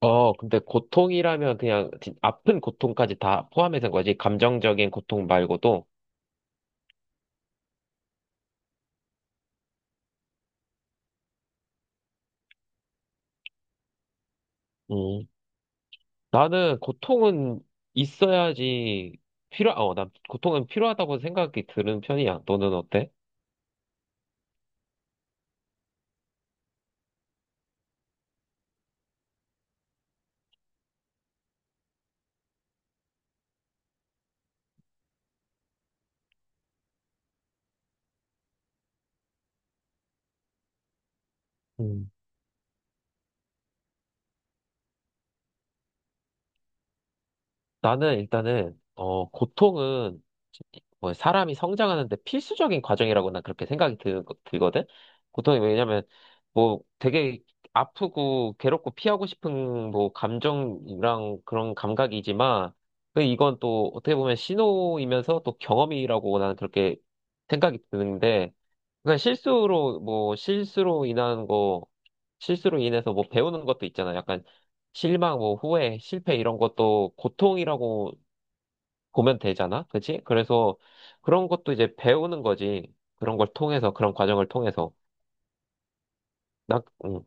근데 고통이라면 그냥 아픈 고통까지 다 포함해서인 거지. 감정적인 고통 말고도. 음. 나는 고통은 있어야지 난 고통은 필요하다고 생각이 드는 편이야. 너는 어때? 나는 일단은, 고통은 뭐 사람이 성장하는데 필수적인 과정이라고 난 그렇게 들거든? 고통이 왜냐면, 뭐 되게 아프고 괴롭고 피하고 싶은 뭐 감정이랑 그런 감각이지만, 그 이건 또 어떻게 보면 신호이면서 또 경험이라고 나는 그렇게 생각이 드는데, 그러니까 실수로 뭐 실수로 인한 거 실수로 인해서 뭐 배우는 것도 있잖아. 약간 실망, 뭐 후회, 실패 이런 것도 고통이라고 보면 되잖아. 그치? 그래서 그런 것도 이제 배우는 거지. 그런 과정을 통해서 나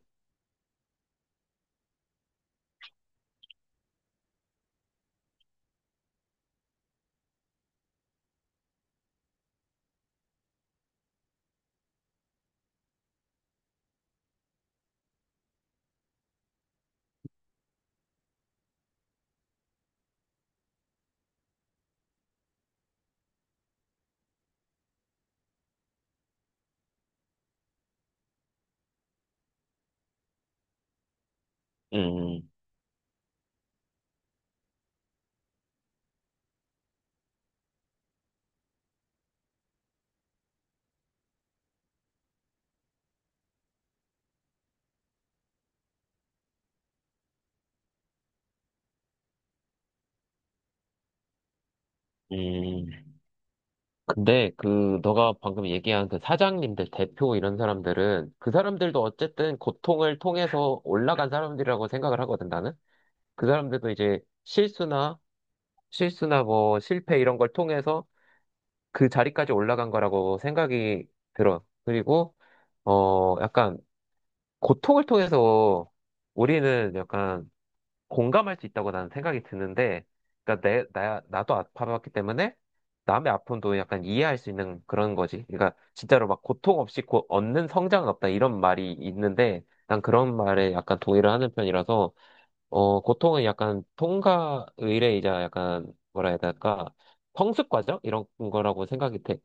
음, 음. 근데 그 너가 방금 얘기한 그 사장님들, 대표 이런 사람들은 그 사람들도 어쨌든 고통을 통해서 올라간 사람들이라고 생각을 하거든 나는. 그 사람들도 이제 실수나 뭐 실패 이런 걸 통해서 그 자리까지 올라간 거라고 생각이 들어. 그리고 약간 고통을 통해서 우리는 약간 공감할 수 있다고 나는 생각이 드는데, 그러니까 나도 아파봤기 때문에 남의 아픔도 약간 이해할 수 있는 그런 거지. 그러니까 진짜로 막 고통 없이 얻는 성장은 없다 이런 말이 있는데, 난 그런 말에 약간 동의를 하는 편이라서 고통은 약간 통과 의례이자 약간 뭐라 해야 될까? 성숙 과정? 이런 거라고 생각이 돼.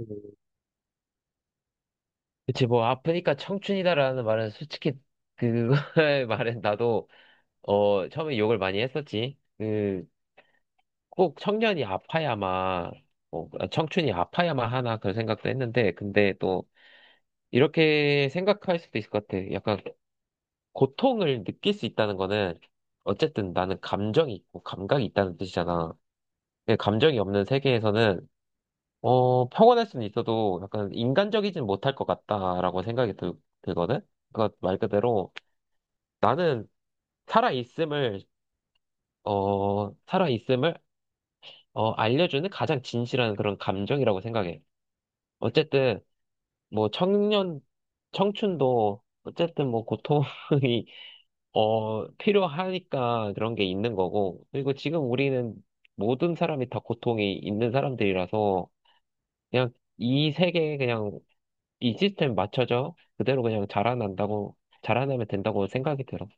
음, 그치, 뭐, 아프니까 청춘이다라는 말은 솔직히, 그거의 말은 나도, 처음에 욕을 많이 했었지. 그, 꼭 청년이 아파야만, 뭐, 청춘이 아파야만 하나 그런 생각도 했는데, 근데 또, 이렇게 생각할 수도 있을 것 같아. 약간, 고통을 느낄 수 있다는 거는, 어쨌든 나는 감정이 있고, 감각이 있다는 뜻이잖아. 예, 감정이 없는 세계에서는 평온할 수는 있어도 약간 인간적이진 못할 것 같다라고 들거든. 그러니까 말 그대로 나는 살아 있음을 살아 있음을 알려주는 가장 진실한 그런 감정이라고 생각해. 어쨌든 뭐 청년 청춘도 어쨌든 뭐 고통이 필요하니까 그런 게 있는 거고 그리고 지금 우리는 모든 사람이 다 고통이 있는 사람들이라서 그냥 이 세계에 그냥 이 시스템 맞춰져 그대로 그냥 자라난다고 자라나면 된다고 생각이 들어.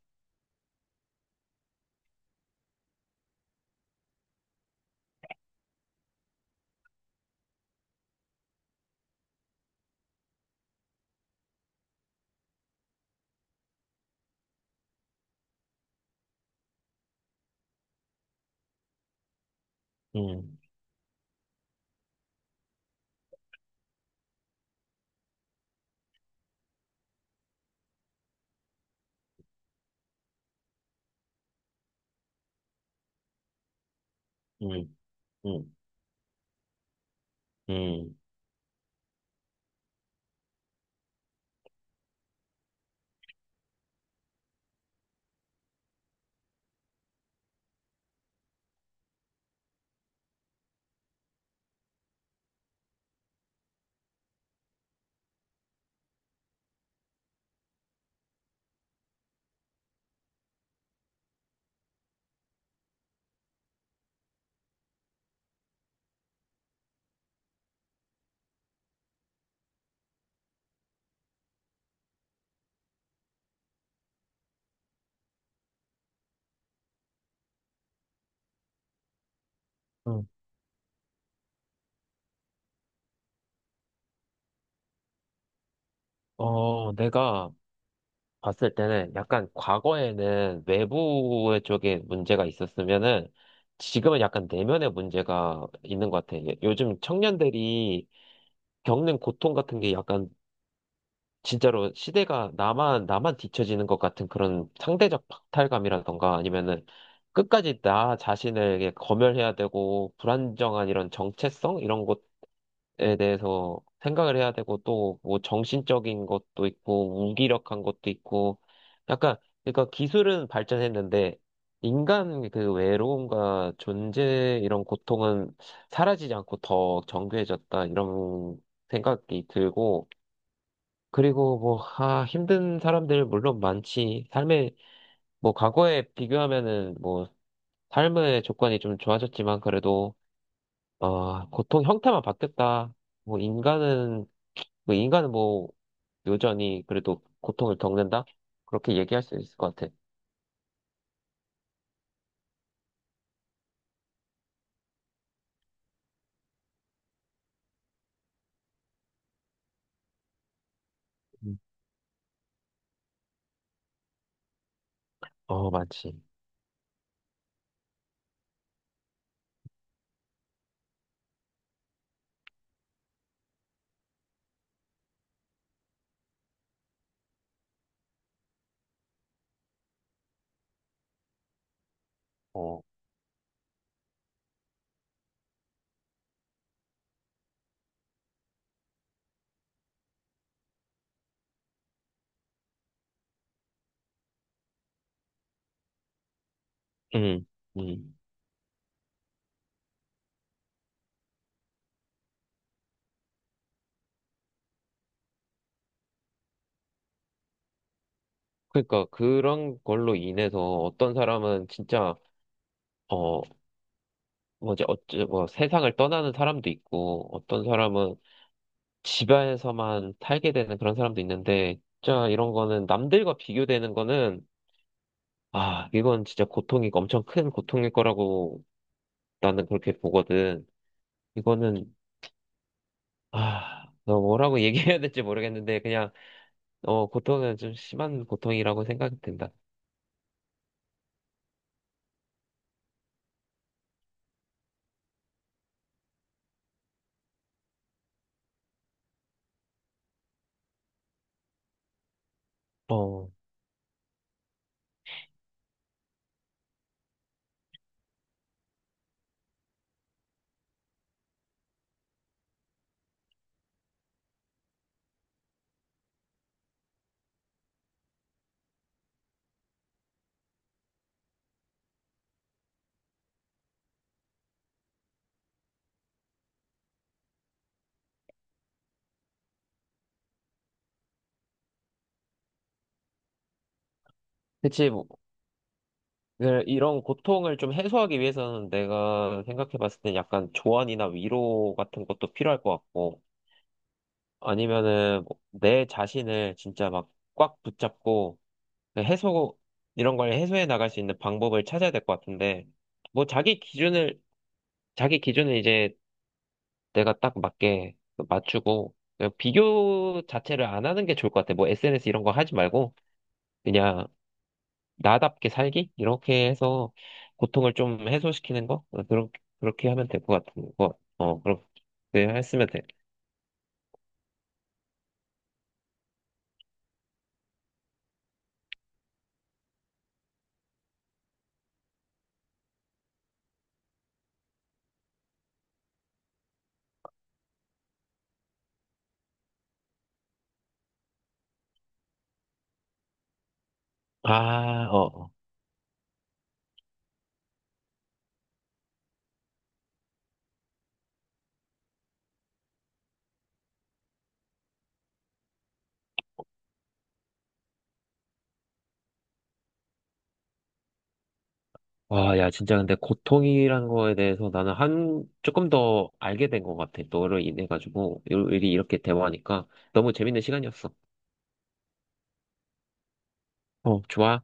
음, 음, 음, 음, 음. 어, 내가 봤을 때는 약간 과거에는 외부의 쪽에 문제가 있었으면은 지금은 약간 내면의 문제가 있는 것 같아. 요즘 청년들이 겪는 고통 같은 게 약간 진짜로 나만 뒤처지는 것 같은 그런 상대적 박탈감이라던가 아니면은 끝까지 나 자신을게 검열해야 되고 불안정한 이런 정체성? 이런 것에 대해서 생각을 해야 되고 또 뭐 정신적인 것도 있고 무기력한 것도 있고 약간 그러니까 기술은 발전했는데 인간 그 외로움과 존재 이런 고통은 사라지지 않고 더 정교해졌다 이런 생각이 들고 그리고 뭐, 아, 힘든 사람들 물론 많지. 삶에, 뭐, 과거에 비교하면은 뭐, 삶의 조건이 좀 좋아졌지만 그래도, 고통 형태만 바뀌었다. 뭐, 인간은, 뭐, 인간은 뭐, 여전히 그래도 고통을 겪는다? 그렇게 얘기할 수 있을 것 같아. 음. 어, 많지. 어, 음, 음. 그러니까 그런 걸로 인해서 어떤 사람은 진짜 어 뭐지 어째 뭐 세상을 떠나는 사람도 있고 어떤 사람은 집안에서만 살게 되는 그런 사람도 있는데, 진짜 이런 거는 남들과 비교되는 거는, 아, 이건 진짜 고통이 엄청 큰 고통일 거라고 나는 그렇게 보거든. 이거는, 아, 너 뭐라고 얘기해야 될지 모르겠는데, 그냥, 어, 고통은 좀 심한 고통이라고 생각이 든다. 어, 그치. 뭐, 그 이런 고통을 좀 해소하기 위해서는 내가 생각해 봤을 때 약간 조언이나 위로 같은 것도 필요할 것 같고, 아니면은 뭐내 자신을 진짜 막 꽉 붙잡고, 그 해소, 이런 걸 해소해 나갈 수 있는 방법을 찾아야 될 것 같은데, 뭐 자기 기준을, 자기 기준을 이제 내가 딱 맞게 맞추고, 그냥 비교 자체를 안 하는 게 좋을 것 같아. 뭐 SNS 이런 거 하지 말고, 그냥 나답게 살기? 이렇게 해서 고통을 좀 해소시키는 거? 그렇게 하면 될 것 같은 거. 어, 그렇게 했으면 돼. 아, 어. 어. 와, 야, 진짜 근데 고통이란 거에 대해서 나는 조금 더 알게 된 것 같아. 너로 인해가지고, 일이 이렇게 대화하니까 너무 재밌는 시간이었어. 어, 좋아.